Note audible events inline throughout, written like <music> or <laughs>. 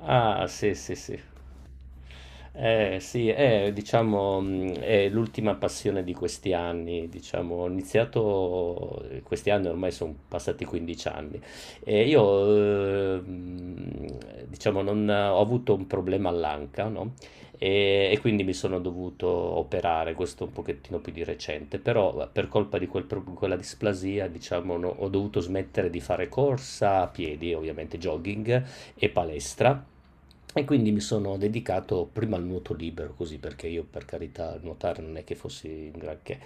Ah, sì, sì, sì. Sì, è, diciamo, è l'ultima passione di questi anni, diciamo, questi anni ormai sono passati 15 anni e io, diciamo, non, ho avuto un problema all'anca, no? E quindi mi sono dovuto operare, questo un pochettino più di recente, però per colpa di quella displasia, diciamo, no, ho dovuto smettere di fare corsa a piedi, ovviamente jogging, e palestra. E quindi mi sono dedicato prima al nuoto libero, così perché io per carità nuotare non è che fossi in granché.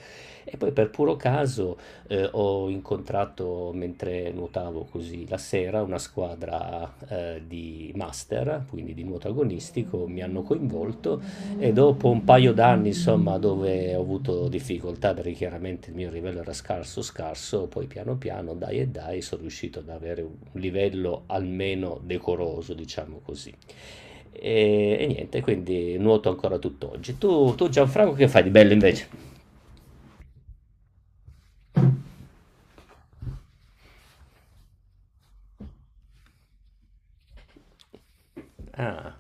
E poi per puro caso ho incontrato mentre nuotavo così la sera una squadra di master, quindi di nuoto agonistico, mi hanno coinvolto e dopo un paio d'anni, insomma, dove ho avuto difficoltà perché chiaramente il mio livello era scarso, scarso, poi piano piano, dai e dai, sono riuscito ad avere un livello almeno decoroso, diciamo così. E niente, quindi nuoto ancora tutt'oggi. Tu Gianfranco, che fai di bello invece? Ah,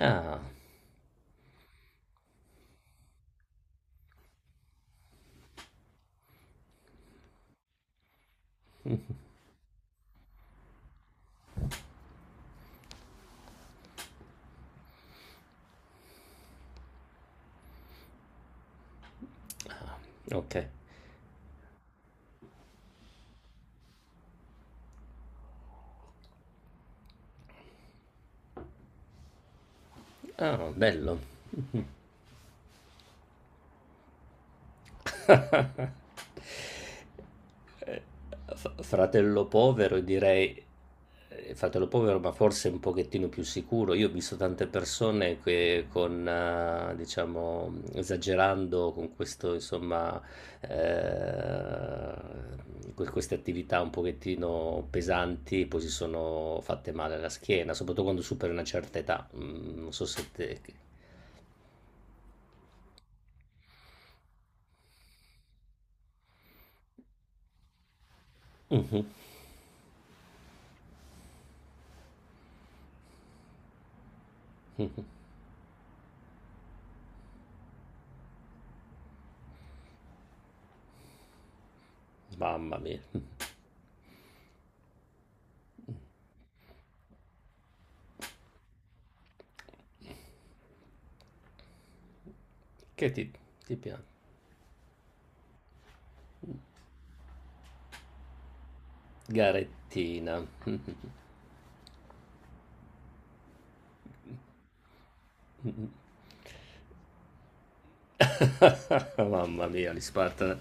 ah, ah, ok. Ah, bello. Fratello povero, direi, fratello povero, ma forse un pochettino più sicuro. Io ho visto tante persone che con, diciamo, esagerando con questo, insomma, eh, queste attività un pochettino pesanti, poi si sono fatte male alla schiena, soprattutto quando superi una certa età. Non so se te... Mhm. Mamma mia, che ti piace? Garettina. <laughs> Mamma mia, gli Spartan.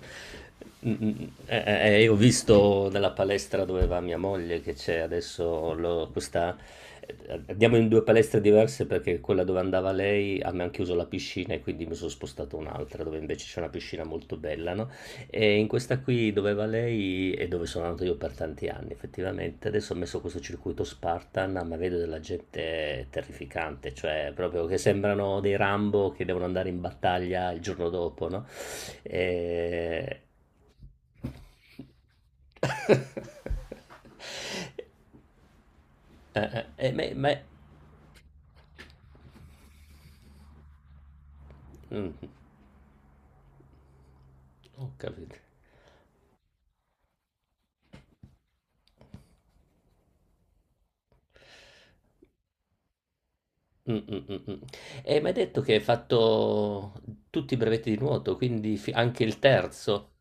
Mh-mh. Io ho visto nella palestra dove va mia moglie che c'è adesso questa. eh, Andiamo in due palestre diverse perché quella dove andava lei a me hanno chiuso la piscina e quindi mi sono spostato un'altra dove invece c'è una piscina molto bella, no? E in questa qui dove va lei e dove sono andato io per tanti anni, effettivamente. Adesso ho messo questo circuito Spartan, ma vedo della gente terrificante, cioè proprio che sembrano dei Rambo che devono andare in battaglia il giorno dopo, no? E... <laughs> Eh, eh, ma, ma- mm, ho capito. Mm, mm, mm, mm. E mi hai detto che hai fatto tutti i brevetti di nuoto, quindi anche il terzo.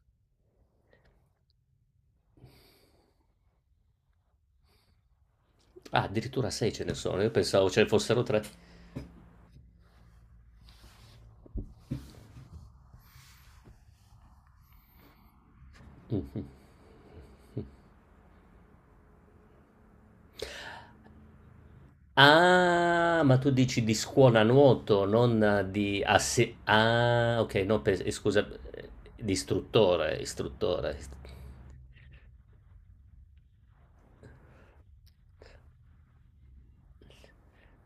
Ah, addirittura 6 ce ne sono, io pensavo ce ne fossero 3. Mh-mh. Ah, ma tu dici di scuola nuoto, non di asse ah, okay, no pens e scusa, di istruttore, istruttore ist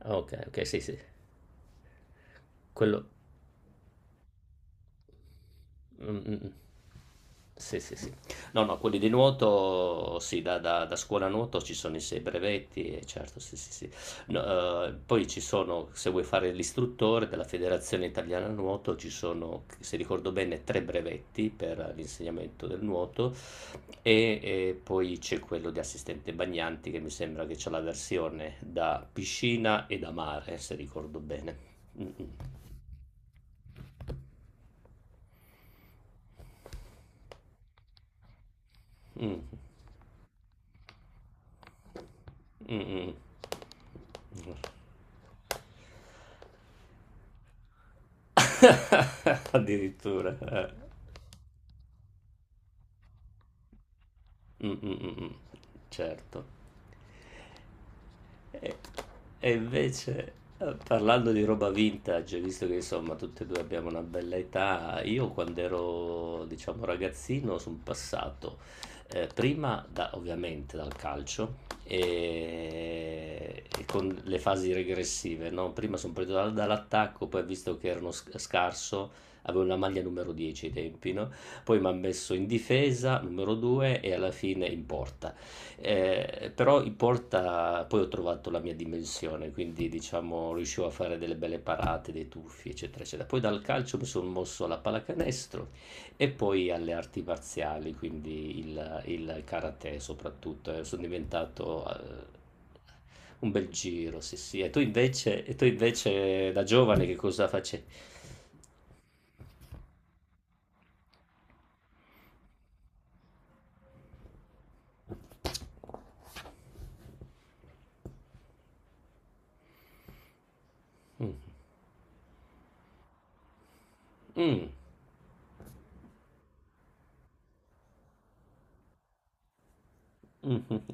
okay, okay, sì, sì. Quello. Mh-mh-mh. Sì, sì, sì. No, no, quelli di nuoto sì, da scuola nuoto ci sono i sei brevetti e certo, sì, sì, sì. No, poi ci sono, se vuoi fare l'istruttore della Federazione Italiana Nuoto, ci sono, c se ricordo bene, 3 brevetti per l'insegnamento del nuoto e poi c'è quello di assistente bagnanti che mi sembra che c'ha la versione da piscina e da mare, se ricordo bene. Mh-mh. Mh. Mh-mh. <laughs> Addirittura, eh. Mh, mh, mh, mh. Certo. E, e invece, parlando di roba vintage, visto che insomma tutti e due abbiamo una bella età, io quando ero, diciamo, ragazzino sono passato prima ovviamente dal calcio e con le fasi regressive, no? Prima sono partito dall'attacco, poi visto che erano scarso, avevo una maglia numero 10 ai tempi, no? Poi mi ha messo in difesa, numero 2 e alla fine in porta. Però in porta poi ho trovato la mia dimensione, quindi diciamo riuscivo a fare delle belle parate, dei tuffi, eccetera, eccetera. Poi dal calcio mi sono mosso alla pallacanestro e poi alle arti marziali, quindi il karate soprattutto. Sono diventato eh, un bel giro, sì, sì. E tu invece, da giovane che cosa facevi? Mm, mhm.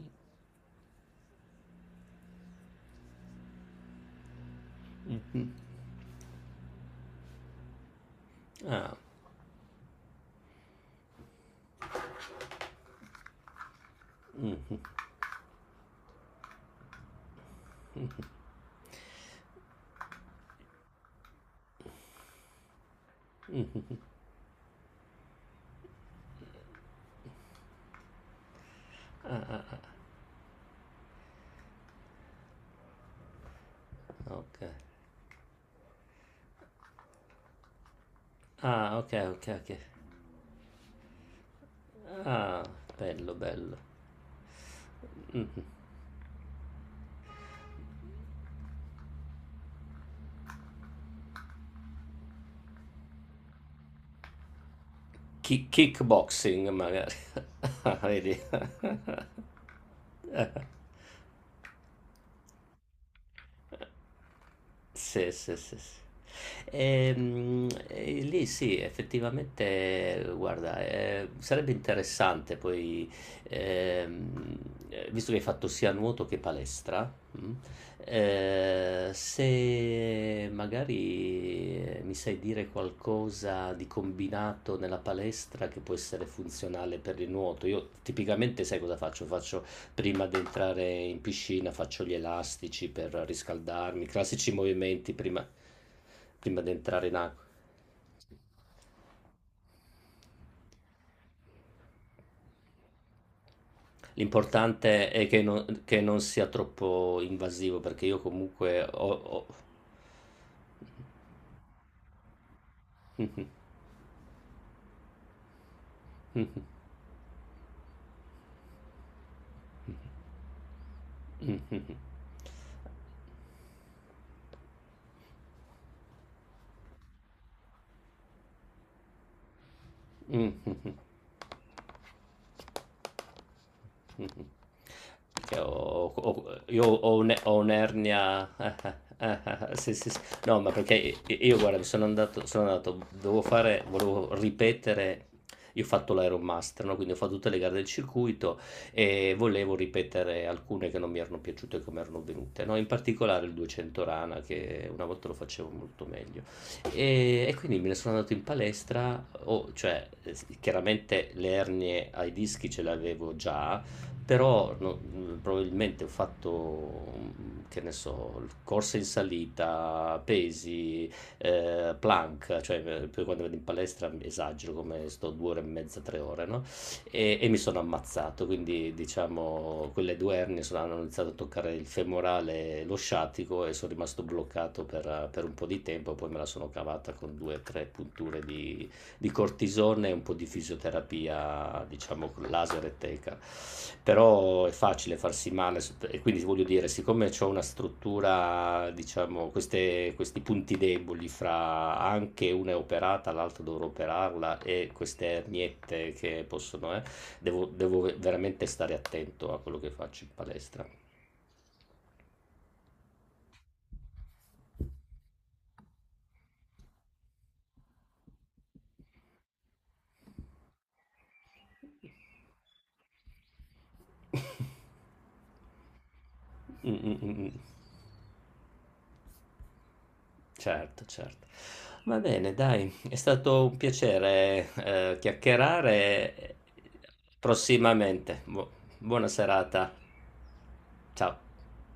Ah, ok. Ah, ok, ok, ok. Ah, bello, bello. Mm. Kickboxing magari. <laughs> Vedi? <laughs> Sì, sì, sì, sì. E lì sì, effettivamente, guarda, sarebbe interessante poi, ehm, visto che hai fatto sia nuoto che palestra, mm, se magari mi sai dire qualcosa di combinato nella palestra che può essere funzionale per il nuoto. Io tipicamente sai cosa faccio? Prima di entrare in piscina faccio gli elastici per riscaldarmi, classici movimenti prima, prima di entrare in acqua. L'importante è che non sia troppo invasivo perché io comunque ho... <laughs> Che ho, ho- io ho, un- ho un'ernia. <laughs> Sì, sì, sì. No, ma perché io, guarda, sono andato, volevo ripetere. Io ho fatto l'Ironmaster, no? Quindi ho fatto tutte le gare del circuito e volevo ripetere alcune che non mi erano piaciute e come erano venute, no? In particolare il 200 rana, che una volta lo facevo molto meglio. E quindi me ne sono andato in palestra, cioè chiaramente le ernie ai dischi ce le avevo già, però no, probabilmente ho fatto, che ne so, corse in salita, pesi, plank, cioè poi quando vado in palestra mi esagero come sto 2 ore e mezza, 3 ore, no? E mi sono ammazzato, quindi diciamo quelle due ernie hanno iniziato a toccare il femorale e lo sciatico e sono rimasto bloccato per un po' di tempo, poi me la sono cavata con due o tre punture di cortisone e un po' di fisioterapia, diciamo con laser e teca. Però è facile farsi male e quindi voglio dire, siccome ho una struttura, diciamo, questi punti deboli fra anche una è operata, l'altra dovrò operarla e queste erniette che possono, devo veramente stare attento a quello che faccio in palestra. <laughs> Mm, mm, mm, mm. Certo, certo. Va bene, dai, è stato un piacere, chiacchierare. Prossimamente. Buona serata. Ciao.